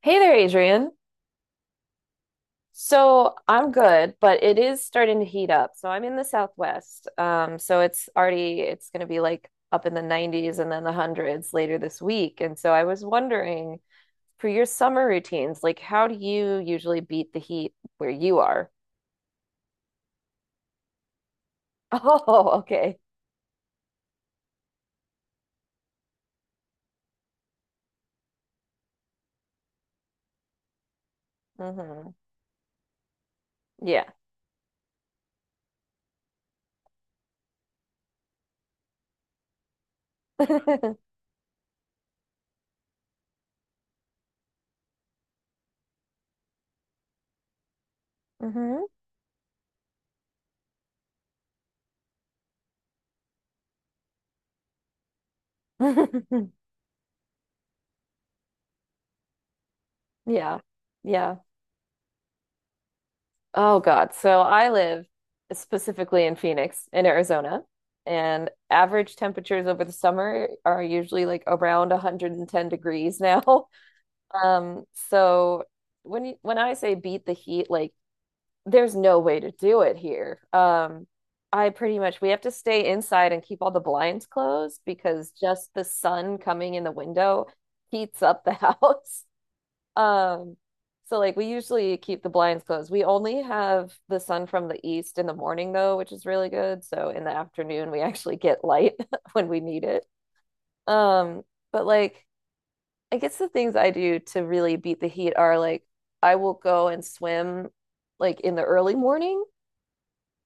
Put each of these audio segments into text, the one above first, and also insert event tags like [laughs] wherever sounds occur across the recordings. Hey there, Adrian. So I'm good, but it is starting to heat up. So I'm in the Southwest. So it's going to be like up in the 90s and then the hundreds later this week. And so I was wondering for your summer routines, like how do you usually beat the heat where you are? [laughs] Oh, okay. Hmm. Yeah. [laughs] Hmm. [laughs] Yeah. Yeah. Oh God. So I live specifically in Phoenix, in Arizona, and average temperatures over the summer are usually like around 110 degrees now. [laughs] Um, so when I say beat the heat, like there's no way to do it here. I pretty much we have to stay inside and keep all the blinds closed because just the sun coming in the window heats up the [laughs] house. Um, so like we usually keep the blinds closed. We only have the sun from the east in the morning though, which is really good. So in the afternoon we actually get light [laughs] when we need it. Um, but like I guess the things I do to really beat the heat are like I will go and swim like in the early morning,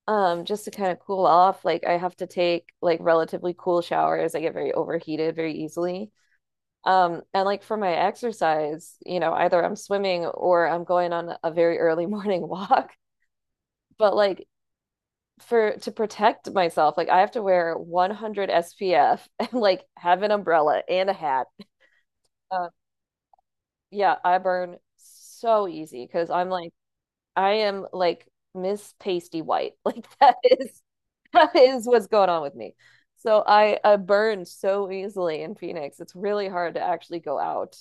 just to kind of cool off. Like I have to take like relatively cool showers. I get very overheated very easily. And like for my exercise, you know, either I'm swimming or I'm going on a very early [laughs] morning walk. But like for to protect myself, like I have to wear 100 SPF [laughs] and like have an umbrella and a hat. Uh, yeah, I burn so easy because I am like Miss Pasty White. [laughs] Like that is what's going on with me. So I burn so easily in Phoenix. It's really hard to actually go out.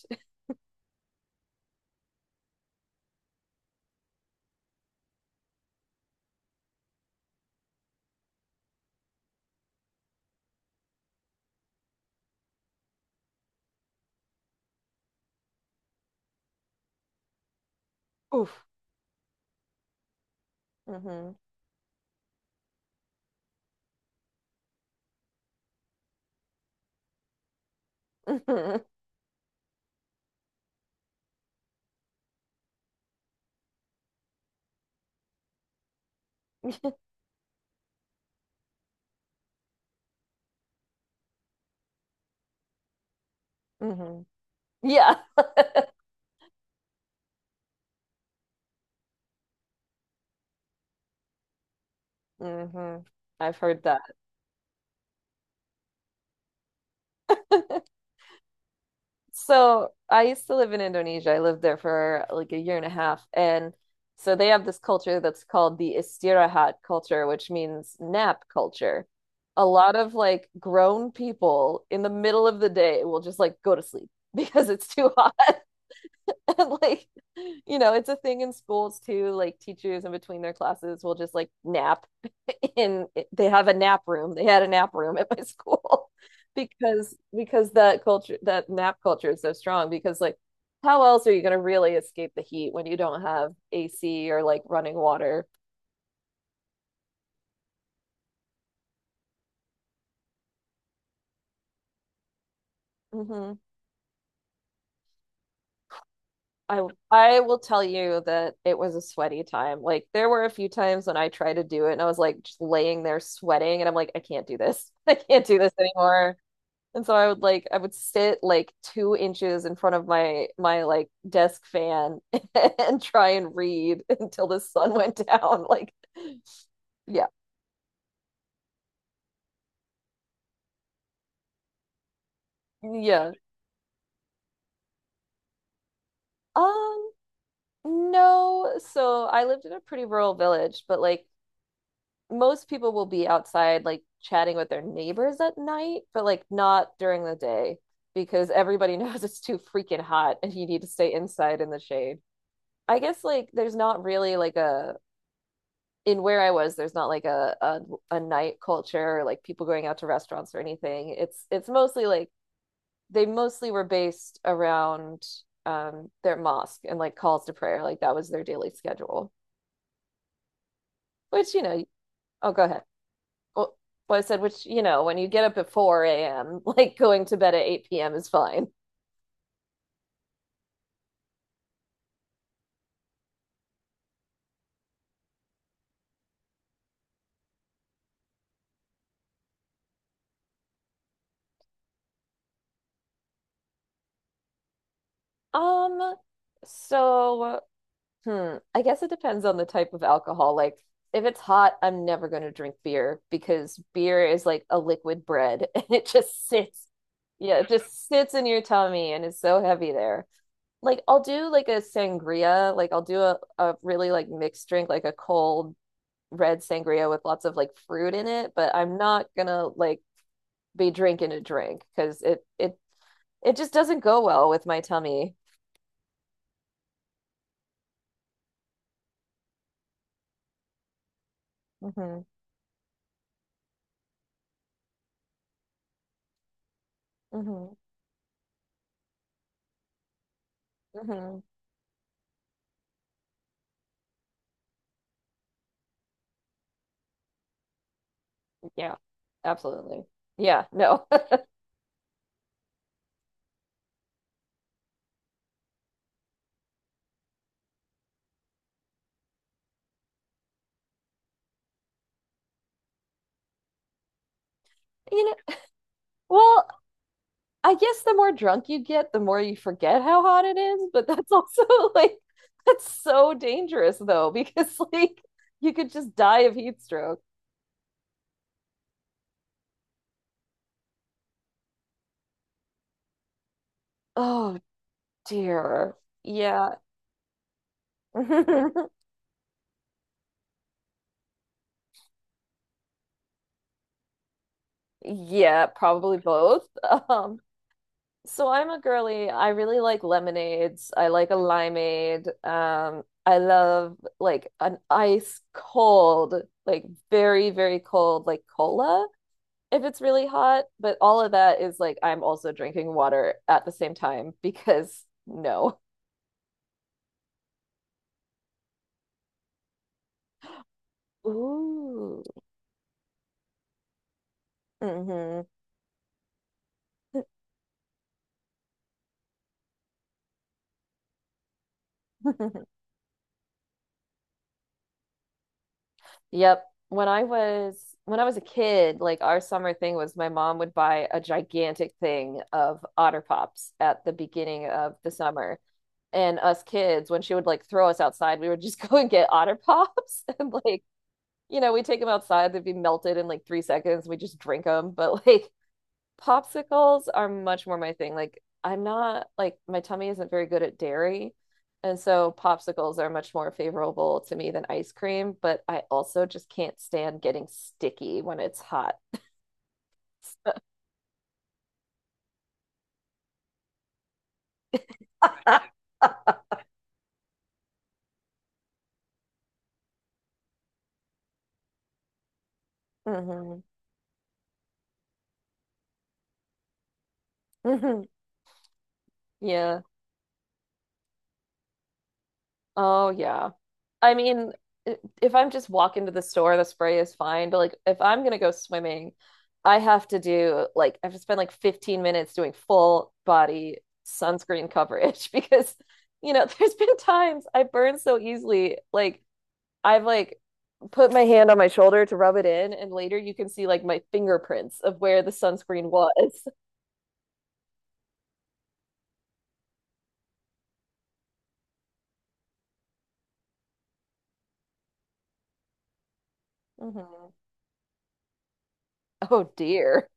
[laughs] Oof. Hmm. [laughs] Hmm. Yeah. Hmm. I've heard that. [laughs] So I used to live in Indonesia. I lived there for like a year and a half. And so they have this culture that's called the istirahat culture, which means nap culture. A lot of like grown people in the middle of the day will just like go to sleep [laughs] because it's too hot. [laughs] And like you know it's a thing in schools too, like teachers in between their classes will just like nap [laughs] in they have a nap room, they had a nap room at my [laughs] school, because that culture, that nap culture is so strong because like how else are you going to really escape the heat when you don't have ac or like running water. Mm-hmm. i I will tell you that it was a sweaty time. Like there were a few times when I tried to do it and I was like just laying there sweating and I'm like, I can't do this. [laughs] I can't do this anymore. And so I would like I would sit like 2 inches in front of my like desk fan [laughs] and try and read [laughs] until the sun went down. Like, yeah, yeah. Um, no. So I lived in a pretty rural village, but like most people will be outside like chatting with their neighbors at night, but like not during the day because everybody [laughs] knows it's too freaking hot and you need to stay inside in the shade. I guess like there's not really like a in where I was, there's not like a a night culture or like people going out to restaurants or anything. It's mostly like they mostly were based around their mosque and like calls to prayer. Like that was their daily schedule. Which, you know, oh go ahead. Well, I said, which, you know, when you get up at 4 a.m., [laughs] like going to bed at 8 p.m. is fine. Um, so Hmm. I guess it depends on the type of alcohol. Like, if it's hot, I'm never going to drink beer because beer is like a liquid bread [laughs] and it just sits. Yeah, it just sits in your tummy and is so heavy there. Like, I'll do like a sangria. Like, I'll do a really like mixed drink, like a cold red sangria with lots of like fruit in it, but I'm not gonna like be drinking a drink because it just doesn't go well with my tummy. Hmm. Hmm. Hmm. Yeah, absolutely. Yeah, no. [laughs] You know, well, I guess the more drunk you get, the more you forget how hot it is, but that's also [laughs] like that's so dangerous though because [laughs] like you could just die of heat stroke. Oh dear. Yeah. [laughs] Yeah, probably both. [laughs] Um So I'm a girly. I really like lemonades. I like a limeade. I love like an ice cold, like very, very cold, like cola if it's really hot. But all of that is like I'm also drinking water at the same time because [laughs] no. Ooh. Mm-hmm. [laughs] Yep. When I was a kid, like our summer thing was my mom would buy a gigantic thing of Otter Pops at the beginning of the summer. And us kids when she would like throw us outside, we would just [laughs] go and get Otter Pops [laughs] and like, you know, we take them outside, they'd be melted in like 3 seconds, we just drink them, but [laughs] like popsicles are much more my thing, like I'm not like my tummy isn't very good at dairy, and so popsicles are much more favorable to me than ice cream, but I also just can't stand getting sticky when it's hot. [laughs] Mm-hmm. Mm-hmm. Yeah. Oh yeah. I mean, if I'm just walking to the store, the spray is fine. But like if I'm gonna go swimming, I have to spend like 15 minutes doing full body sunscreen coverage [laughs] because you know, [laughs] there's been times I burn so easily. Like I've like put my hand on my shoulder to rub it in, and later you can see like my fingerprints of where the sunscreen was. Mhm. Oh dear.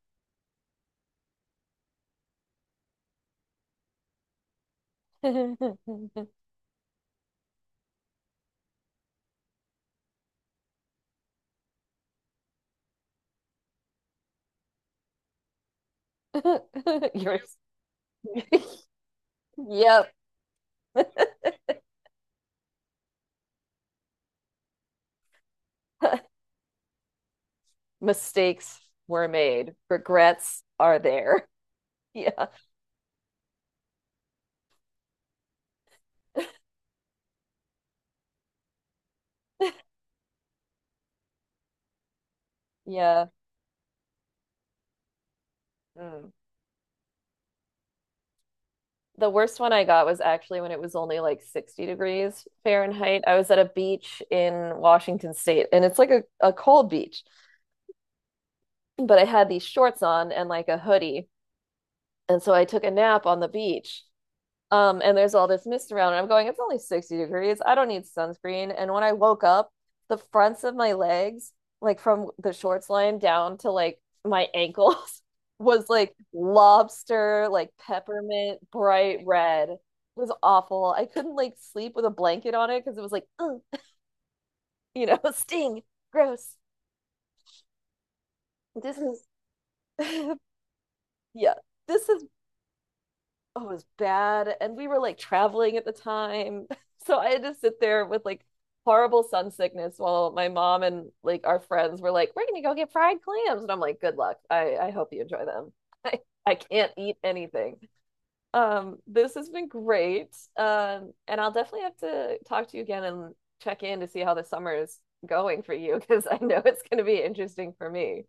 [laughs] Yours. [laughs] Yep. [laughs] Mistakes were made. Regrets are there. [laughs] Yeah. Yeah. Mm. The worst one I got was actually when it was only like 60 degrees Fahrenheit. I was at a beach in Washington State and it's like a cold beach, but I had these shorts on and like a hoodie. And so I took a nap on the beach. And there's all this mist around, and I'm going, it's only 60 degrees. I don't need sunscreen. And when I woke up, the fronts of my legs, like from the shorts line down to like my ankles, [laughs] was like lobster, like peppermint, bright red. It was awful. I couldn't like sleep with a blanket on it because it was like, you know, [laughs] sting, gross. This is, [laughs] yeah, this is oh, it was bad. And we were like traveling at the time. [laughs] So I had to sit there with like horrible sun sickness while my mom and like our friends were like, we're going to go get fried clams. And I'm like, good luck. I hope you enjoy them. [laughs] I, I can't eat anything. This has been great. And I'll definitely have to talk to you again and check in to see how the summer is going for you [laughs] because I know it's going to be interesting for me.